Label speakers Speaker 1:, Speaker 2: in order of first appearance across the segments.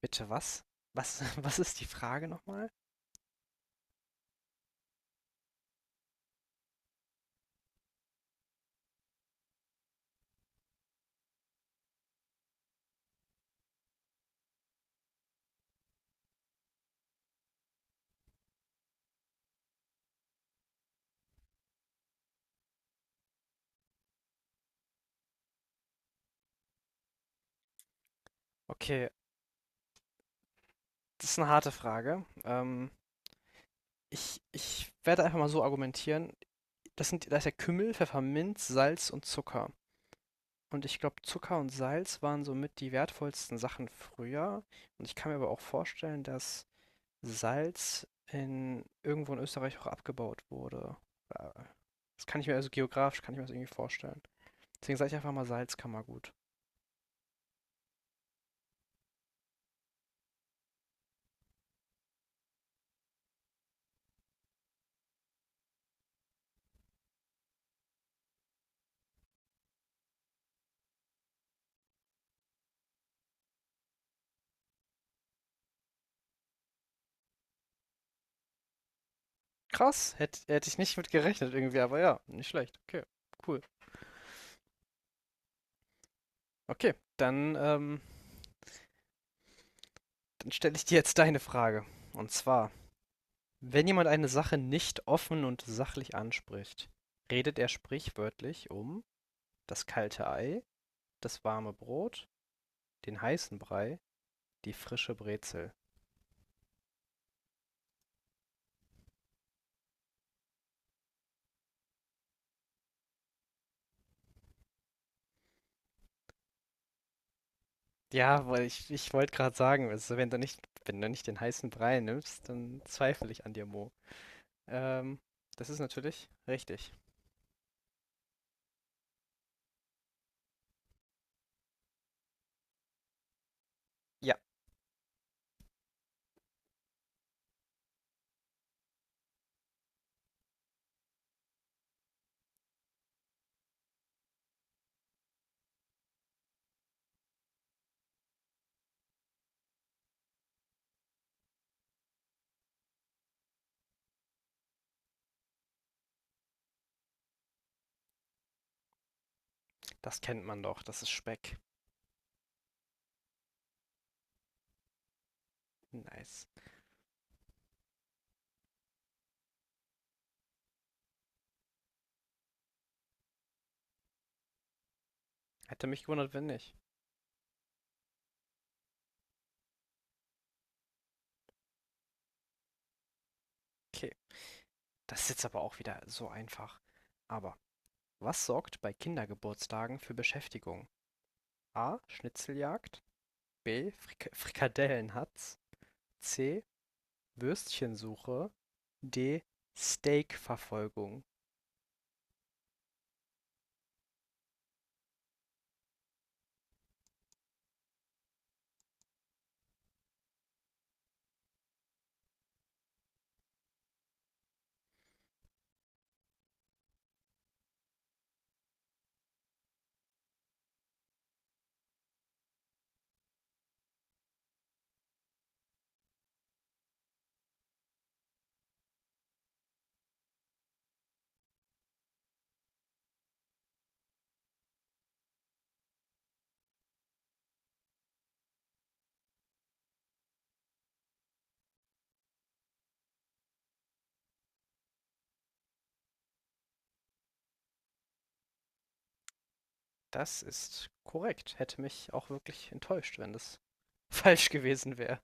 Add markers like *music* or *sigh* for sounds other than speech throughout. Speaker 1: Bitte was? Was, *laughs* was ist die Frage nochmal? Okay, das ist eine harte Frage. Ich werde einfach mal so argumentieren. Da ist ja Kümmel, Pfefferminz, Salz und Zucker. Und ich glaube, Zucker und Salz waren somit die wertvollsten Sachen früher. Und ich kann mir aber auch vorstellen, dass irgendwo in Österreich auch abgebaut wurde. Äh, Das kann ich mir also kann ich mir das irgendwie vorstellen. Deswegen sage ich einfach mal Salz kann man gut. Krass, hätt ich nicht mit gerechnet irgendwie, aber ja, nicht schlecht. Okay, cool. Okay, dann, dann stelle ich dir jetzt deine Frage. Und zwar, wenn jemand eine Sache nicht offen und sachlich anspricht, redet er sprichwörtlich um das kalte Ei, das warme Brot, den heißen Brei, die frische Brezel. Ja, ich wollte gerade sagen, also wenn du nicht den heißen Brei nimmst, dann zweifle ich an dir, Mo. Ähm, das ist natürlich richtig. Ja, das kennt man doch, das ist Speck. Nice. Hätte mich gewundert, wenn nicht. Okay, das ist jetzt aber auch wieder so einfach. Aber was sorgt bei Kindergeburtstagen für Beschäftigung? A. Schnitzeljagd. B. Frikadellenhatz. C. Würstchensuche. D. Steakverfolgung. Das ist korrekt. Hätte mich auch wirklich enttäuscht, wenn das *laughs* falsch gewesen wäre.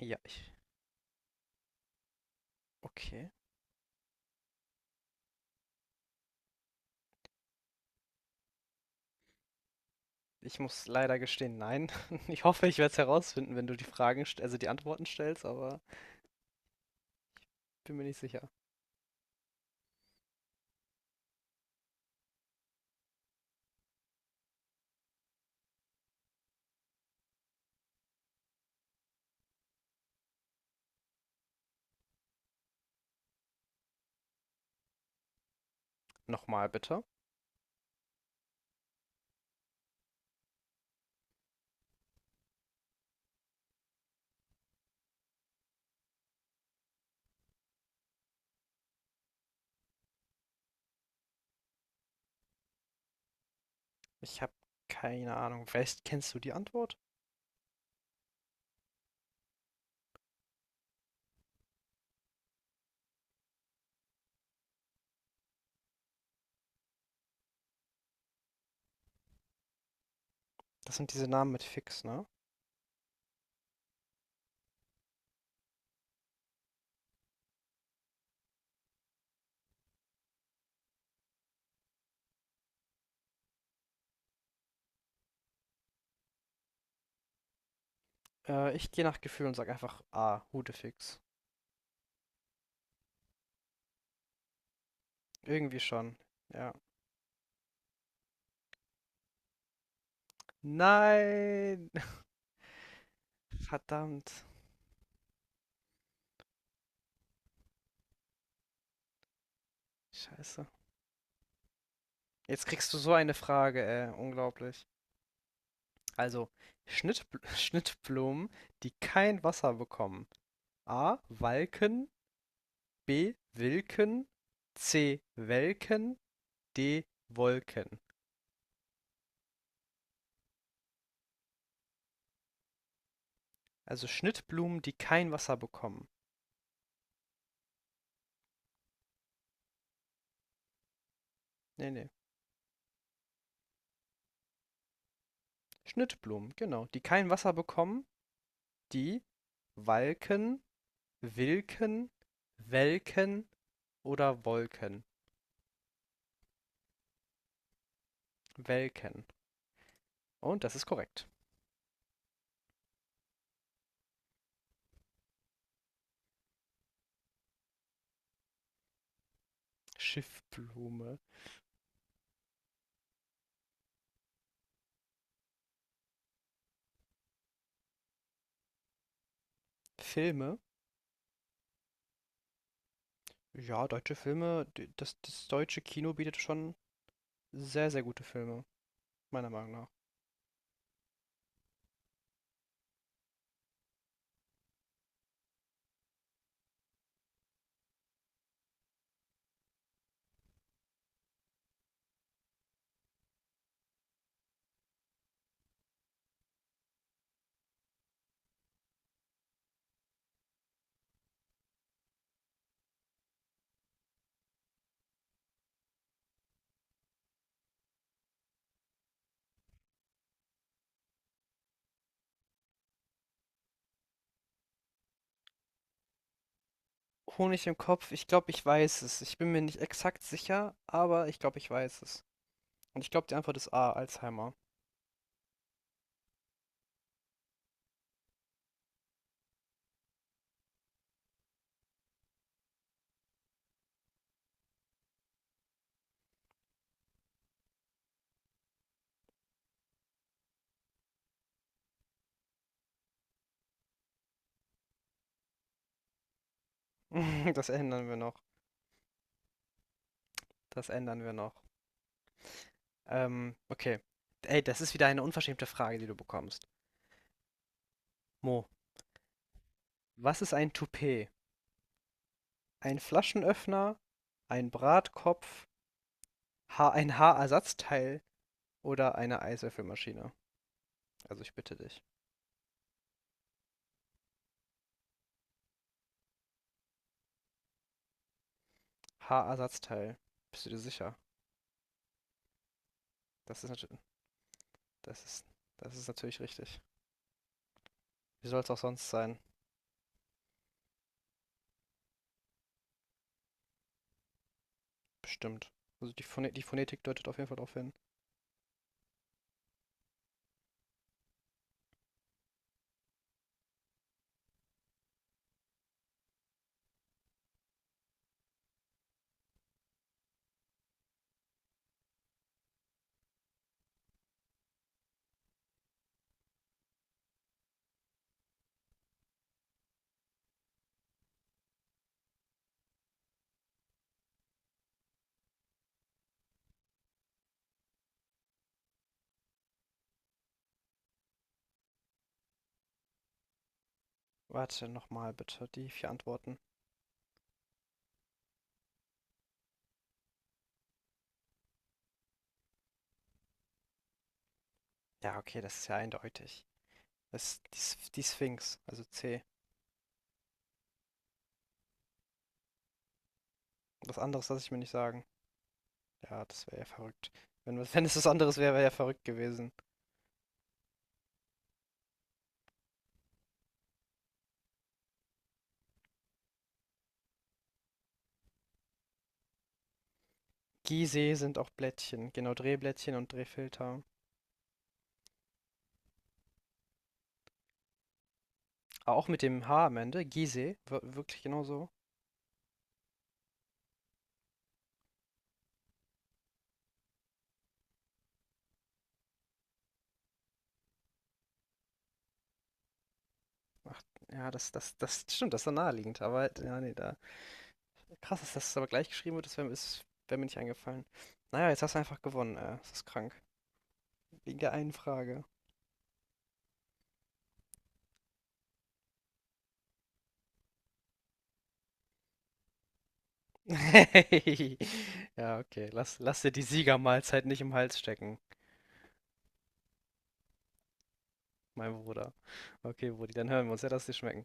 Speaker 1: Ja, ich. Okay. Ich muss leider gestehen, nein. *laughs* Ich hoffe, ich werde es herausfinden, wenn du die also die Antworten stellst, aber bin mir nicht sicher. Nochmal bitte. Ich habe keine Ahnung. Vielleicht kennst du die Antwort? Das sind diese Namen mit Fix, ne? Ich gehe nach Gefühl und sag einfach A, Hudefix. Irgendwie schon. Ja. Nein! *laughs* Verdammt. Scheiße. Jetzt kriegst du so eine Frage, ey. Unglaublich. Also, Schnittbl *laughs* Schnittblumen, die kein Wasser bekommen. A. Walken. B. Wilken, C. Welken, D. Wolken. Also Schnittblumen, die kein Wasser bekommen. Ne, ne, Schnittblumen, genau, die kein Wasser bekommen, die walken, wilken, welken oder wolken. Welken. Und das ist korrekt. Schiffblume. Filme. Ja, deutsche Filme, das deutsche Kino bietet schon sehr, sehr gute Filme, meiner Meinung nach. Honig im Kopf, ich glaube, ich weiß es. Ich bin mir nicht exakt sicher, aber ich glaube, ich weiß es. Und ich glaube, die Antwort ist A, Alzheimer. *laughs* Das ändern wir noch. Das ändern wir noch. Okay. Ey, das ist wieder eine unverschämte Frage, die du bekommst. Mo, was ist ein Toupet? Ein Flaschenöffner, ein Bratkopf, ha ein Haarersatzteil oder eine Eiswürfelmaschine? Also ich bitte dich. Haarersatzteil. Bist du dir sicher? Das ist natürlich, das ist, das ist natürlich richtig. Wie soll es auch sonst sein? Bestimmt. Also Phone die Phonetik deutet auf jeden Fall darauf hin. Warte nochmal bitte, die vier Antworten. Ja, okay, das ist ja eindeutig. Das ist die Sphinx, also C. Was anderes lasse ich mir nicht sagen. Ja, das wäre ja verrückt. Wenn, *laughs* wenn es was anderes wäre, wäre ja verrückt gewesen. Gizeh sind auch Blättchen. Genau, Drehblättchen und Drehfilter. Aber auch mit dem H am Ende. Gizeh, wirklich genau so. Ach, ja, das stimmt, das ist ja naheliegend. Aber ja, nee, da. Krass, dass das aber gleich geschrieben wird, das wär mir nicht eingefallen. Naja, jetzt hast du einfach gewonnen. Das ist krank. Wegen der einen Frage. *laughs* Ja, okay. Lass dir die Siegermahlzeit nicht im Hals stecken, mein Bruder. Okay, Brudi, dann hören wir uns. Ja, lass dir schmecken.